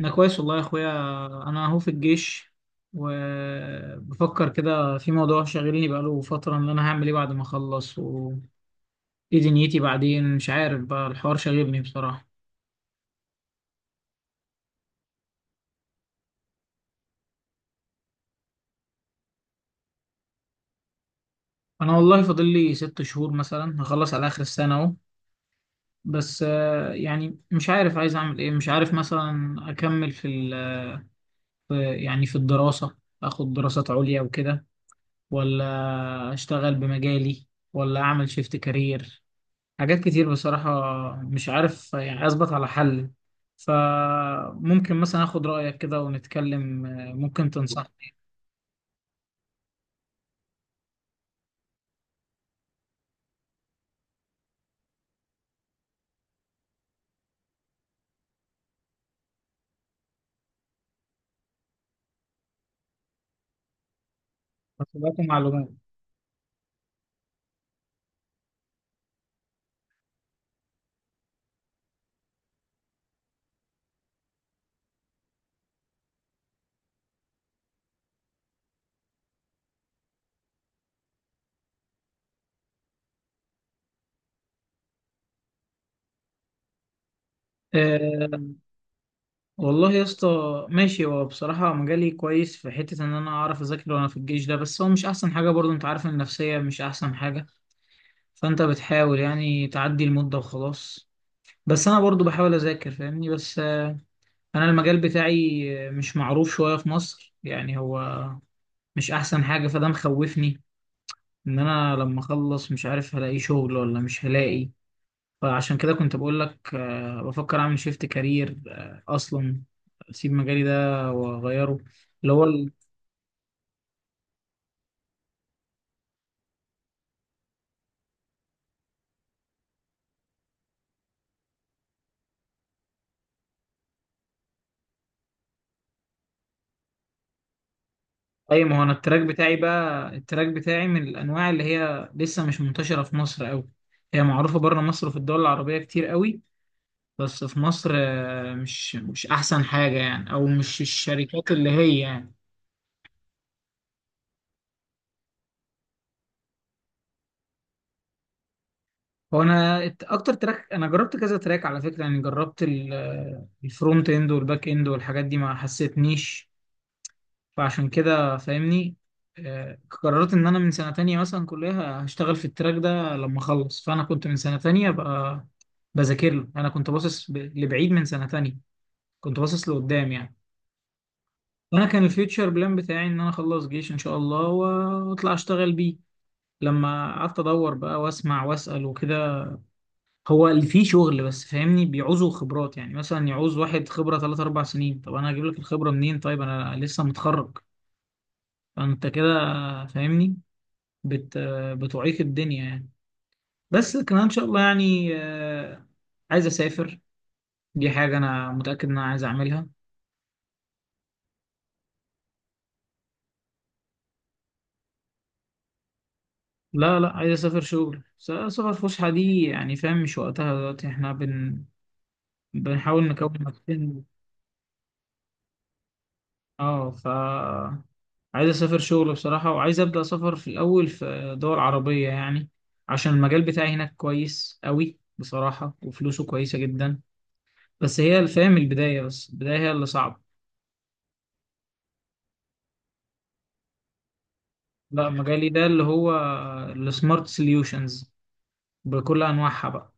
انا كويس والله يا اخويا. انا اهو في الجيش. وبفكر كده في موضوع شاغلني بقاله فترة ان انا هعمل ايه بعد ما اخلص وايه دنيتي بعدين. مش عارف بقى الحوار شاغلني بصراحة. انا والله فاضل لي ست شهور مثلا هخلص على اخر السنة اهو. بس يعني مش عارف عايز اعمل ايه. مش عارف مثلا اكمل يعني في الدراسة. اخد دراسات عليا وكده، ولا اشتغل بمجالي، ولا اعمل شيفت كارير. حاجات كتير بصراحة. مش عارف يعني أثبت على حل. فممكن مثلا آخد رأيك كده ونتكلم، ممكن تنصحني معلومات. أه، والله يا اسطى. ماشي، هو بصراحة مجالي كويس في حتة إن أنا أعرف أذاكر وأنا في الجيش ده، بس هو مش أحسن حاجة برضو. أنت عارف إن النفسية مش أحسن حاجة. فأنت بتحاول يعني تعدي المدة وخلاص. بس أنا برضو بحاول أذاكر فاهمني. بس أنا المجال بتاعي مش معروف شوية في مصر يعني. هو مش أحسن حاجة فده مخوفني. ان انا لما اخلص مش عارف هلاقي شغل ولا مش هلاقي. فعشان كده كنت بقول لك، بفكر اعمل شيفت كارير، اصلا اسيب مجالي ده واغيره. اللي هو ال- اي ما هو انا التراك بتاعي بقى التراك بتاعي من الانواع اللي هي لسه مش منتشره في مصر قوي. هي معروفه بره مصر وفي الدول العربيه كتير قوي. بس في مصر مش احسن حاجه يعني، او مش الشركات اللي هي يعني. هو انا اكتر تراك، انا جربت كذا تراك على فكره يعني، جربت الفرونت اند والباك اند والحاجات دي ما حسيتنيش. فعشان كده فاهمني، قررت ان انا من سنه تانية مثلا كلها هشتغل في التراك ده لما اخلص. فانا كنت من سنه تانية بقى بذاكر له. انا كنت باصص لبعيد من سنه تانية، كنت باصص لقدام يعني. انا كان الفيوتشر بلان بتاعي ان انا اخلص جيش ان شاء الله واطلع اشتغل بيه. لما قعدت ادور بقى واسمع واسال وكده، هو اللي فيه شغل بس فاهمني بيعوزوا خبرات. يعني مثلا يعوز واحد خبرة 3 4 سنين. طب انا هجيب لك الخبرة منين؟ طيب انا لسه متخرج. فانت كده فاهمني، بت بتعيق الدنيا يعني. بس كمان ان شاء الله يعني، عايز اسافر. دي حاجة انا متأكد ان انا عايز اعملها. لا لا، عايز اسافر شغل، سفر فسحة دي يعني فاهم مش وقتها دلوقتي. احنا بنحاول نكون نفسنا. اه ف عايز اسافر شغل بصراحة. وعايز ابدأ سفر في الاول في دول عربية يعني، عشان المجال بتاعي هناك كويس قوي بصراحة وفلوسه كويسة جدا. بس هي الفهم البداية، بس البداية هي اللي صعبة. لا، مجالي ده اللي هو السمارت سوليوشنز بكل انواعها بقى.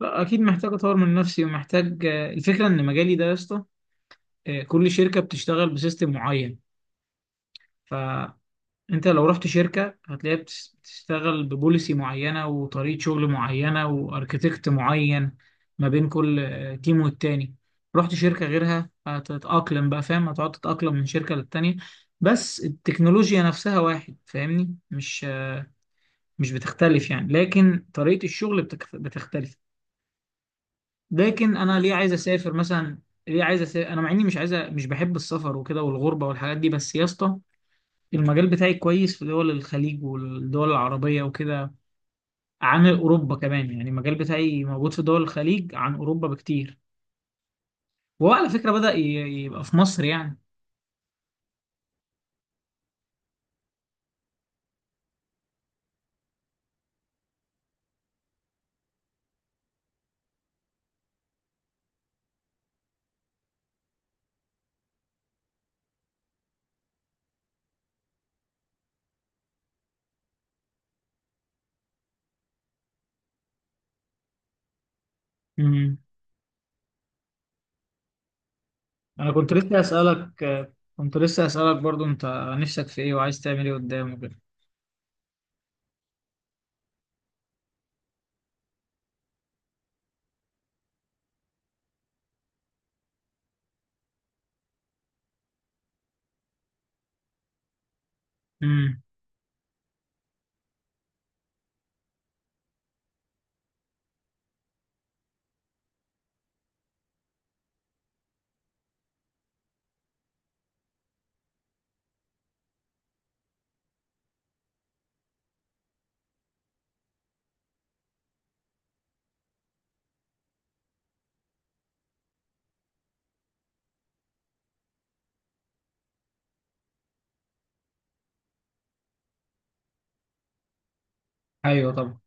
لا اكيد محتاج اطور من نفسي، ومحتاج الفكرة ان مجالي ده يا اسطى، كل شركة بتشتغل بسيستم معين. انت لو رحت شركة هتلاقيها بتشتغل ببوليسي معينة وطريقة شغل معينة واركتكت معين، ما بين كل تيم والتاني. رحت شركة غيرها هتتأقلم بقى فاهم، هتقعد تتأقلم من شركة للتانية. بس التكنولوجيا نفسها واحد فاهمني، مش مش بتختلف يعني، لكن طريقة الشغل بتختلف. لكن انا ليه عايز اسافر مثلا؟ ليه عايز اسافر انا مع اني مش عايز مش بحب السفر وكده والغربة والحاجات دي، بس يا اسطى المجال بتاعي كويس في دول الخليج والدول العربية وكده عن أوروبا كمان. يعني المجال بتاعي موجود في دول الخليج عن أوروبا بكتير. وهو على فكرة بدأ يبقى في مصر يعني. امم أنا كنت لسه أسألك كنت لسه أسألك برضو أنت نفسك في إيه وعايز تعمل إيه قدام وكده. امم أيوه طبعا.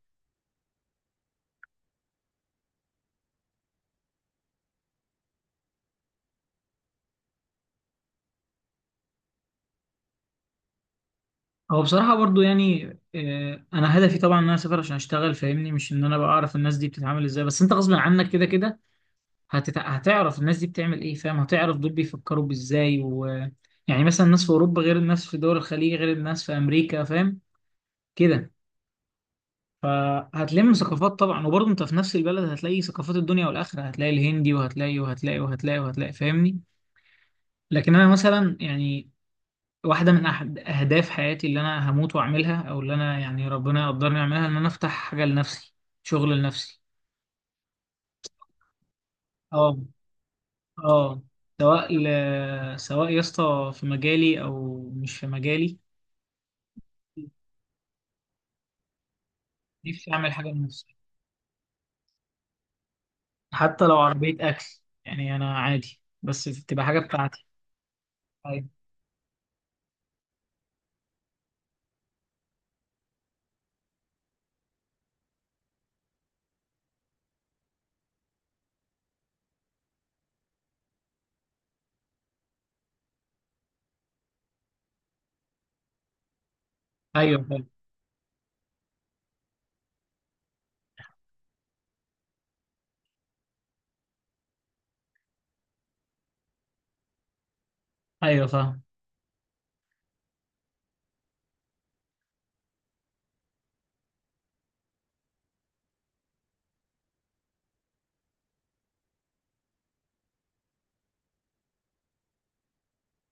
هو بصراحة برضو يعني، أنا هدفي طبعا إن أنا أسافر عشان أشتغل فاهمني. مش إن أنا بقى أعرف الناس دي بتتعامل إزاي، بس أنت غصب عنك كده كده هتعرف الناس دي بتعمل ايه فاهم، هتعرف دول بيفكروا بازاي يعني مثلا الناس في اوروبا غير الناس في دول الخليج غير الناس في امريكا فاهم كده. فهتلم ثقافات طبعا، وبرضه انت في نفس البلد هتلاقي ثقافات الدنيا والاخره، هتلاقي الهندي وهتلاقي وهتلاقي وهتلاقي وهتلاقي فاهمني. لكن انا مثلا يعني واحده من احد اهداف حياتي اللي انا هموت واعملها، او اللي انا يعني ربنا يقدرني اعملها، ان انا افتح حاجه لنفسي، شغل لنفسي. اه. اه. سواء ل... سواء يا اسطى في مجالي او مش في مجالي، نفسي اعمل حاجه لنفسي، حتى لو عربيه اكل يعني. انا عادي بس تبقى حاجه بتاعتي. ايوه. ايوه فاهم. ايوه فاهم.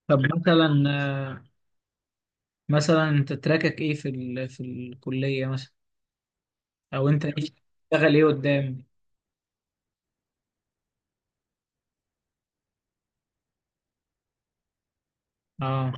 طب مثلا انت تراكك ايه في الكليه مثلا، او انت نفسك تشتغل ايه قدام؟ اه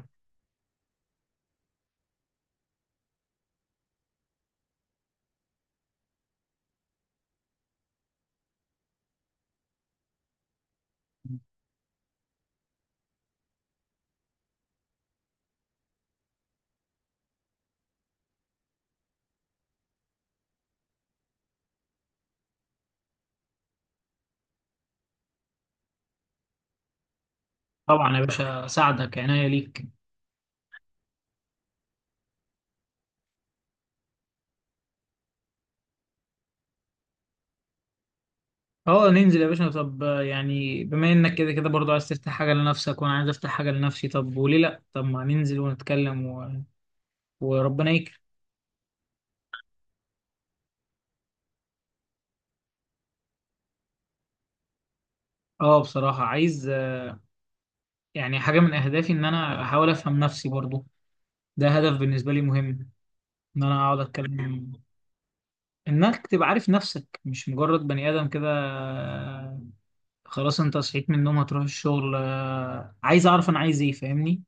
طبعا يا باشا، اساعدك عناية ليك. اه، ننزل يا باشا. طب يعني بما انك كده كده برضو عايز تفتح حاجة لنفسك وانا عايز افتح حاجة لنفسي، طب وليه لا؟ طب ما ننزل ونتكلم وربنا يكرم. اه بصراحة عايز، يعني حاجة من اهدافي ان انا احاول افهم نفسي برضو. ده هدف بالنسبة لي مهم، ان انا اقعد اتكلم انك تبقى عارف نفسك مش مجرد بني ادم كده، خلاص انت صحيت من النوم هتروح الشغل، عايز اعرف انا عايز ايه فاهمني،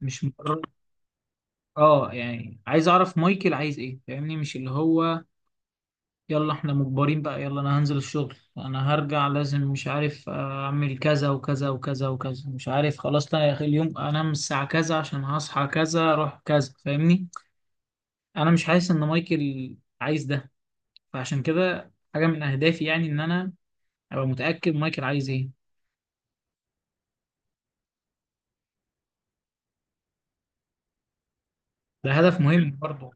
مش مجرد. اه، يعني عايز اعرف مايكل عايز ايه فاهمني، مش اللي هو يلا احنا مجبرين بقى، يلا انا هنزل الشغل، انا هرجع، لازم مش عارف اعمل كذا وكذا وكذا وكذا، مش عارف خلاص. لا يا اخي اليوم انام الساعة كذا عشان هصحى كذا اروح كذا فاهمني. انا مش حاسس ان مايكل عايز ده. فعشان كده حاجة من اهدافي يعني ان انا ابقى متأكد مايكل عايز ايه. ده هدف مهم برضه.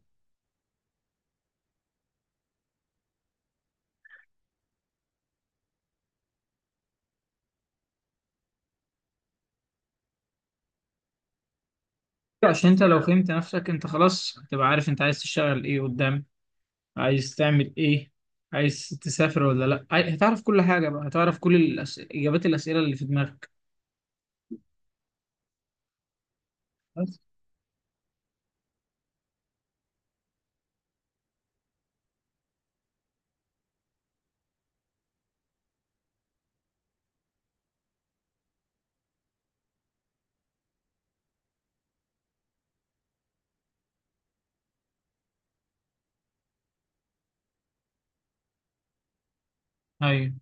عشان انت لو فهمت نفسك انت خلاص هتبقى عارف انت عايز تشتغل ايه قدام، عايز تعمل ايه، عايز تسافر ولا لا، هتعرف كل حاجة بقى، هتعرف كل اجابات الاسئلة اللي في دماغك. بس. ايوه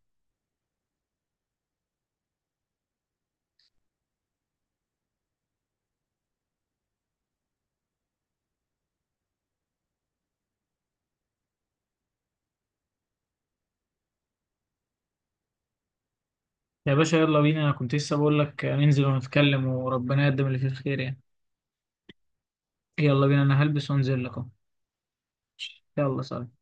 يا باشا، يلا بينا. انا كنت لسه بقول لك ننزل ونتكلم، وربنا يقدم اللي فيه الخير يعني. يلا بينا، انا هلبس وانزل لك اهو. يلا سلام.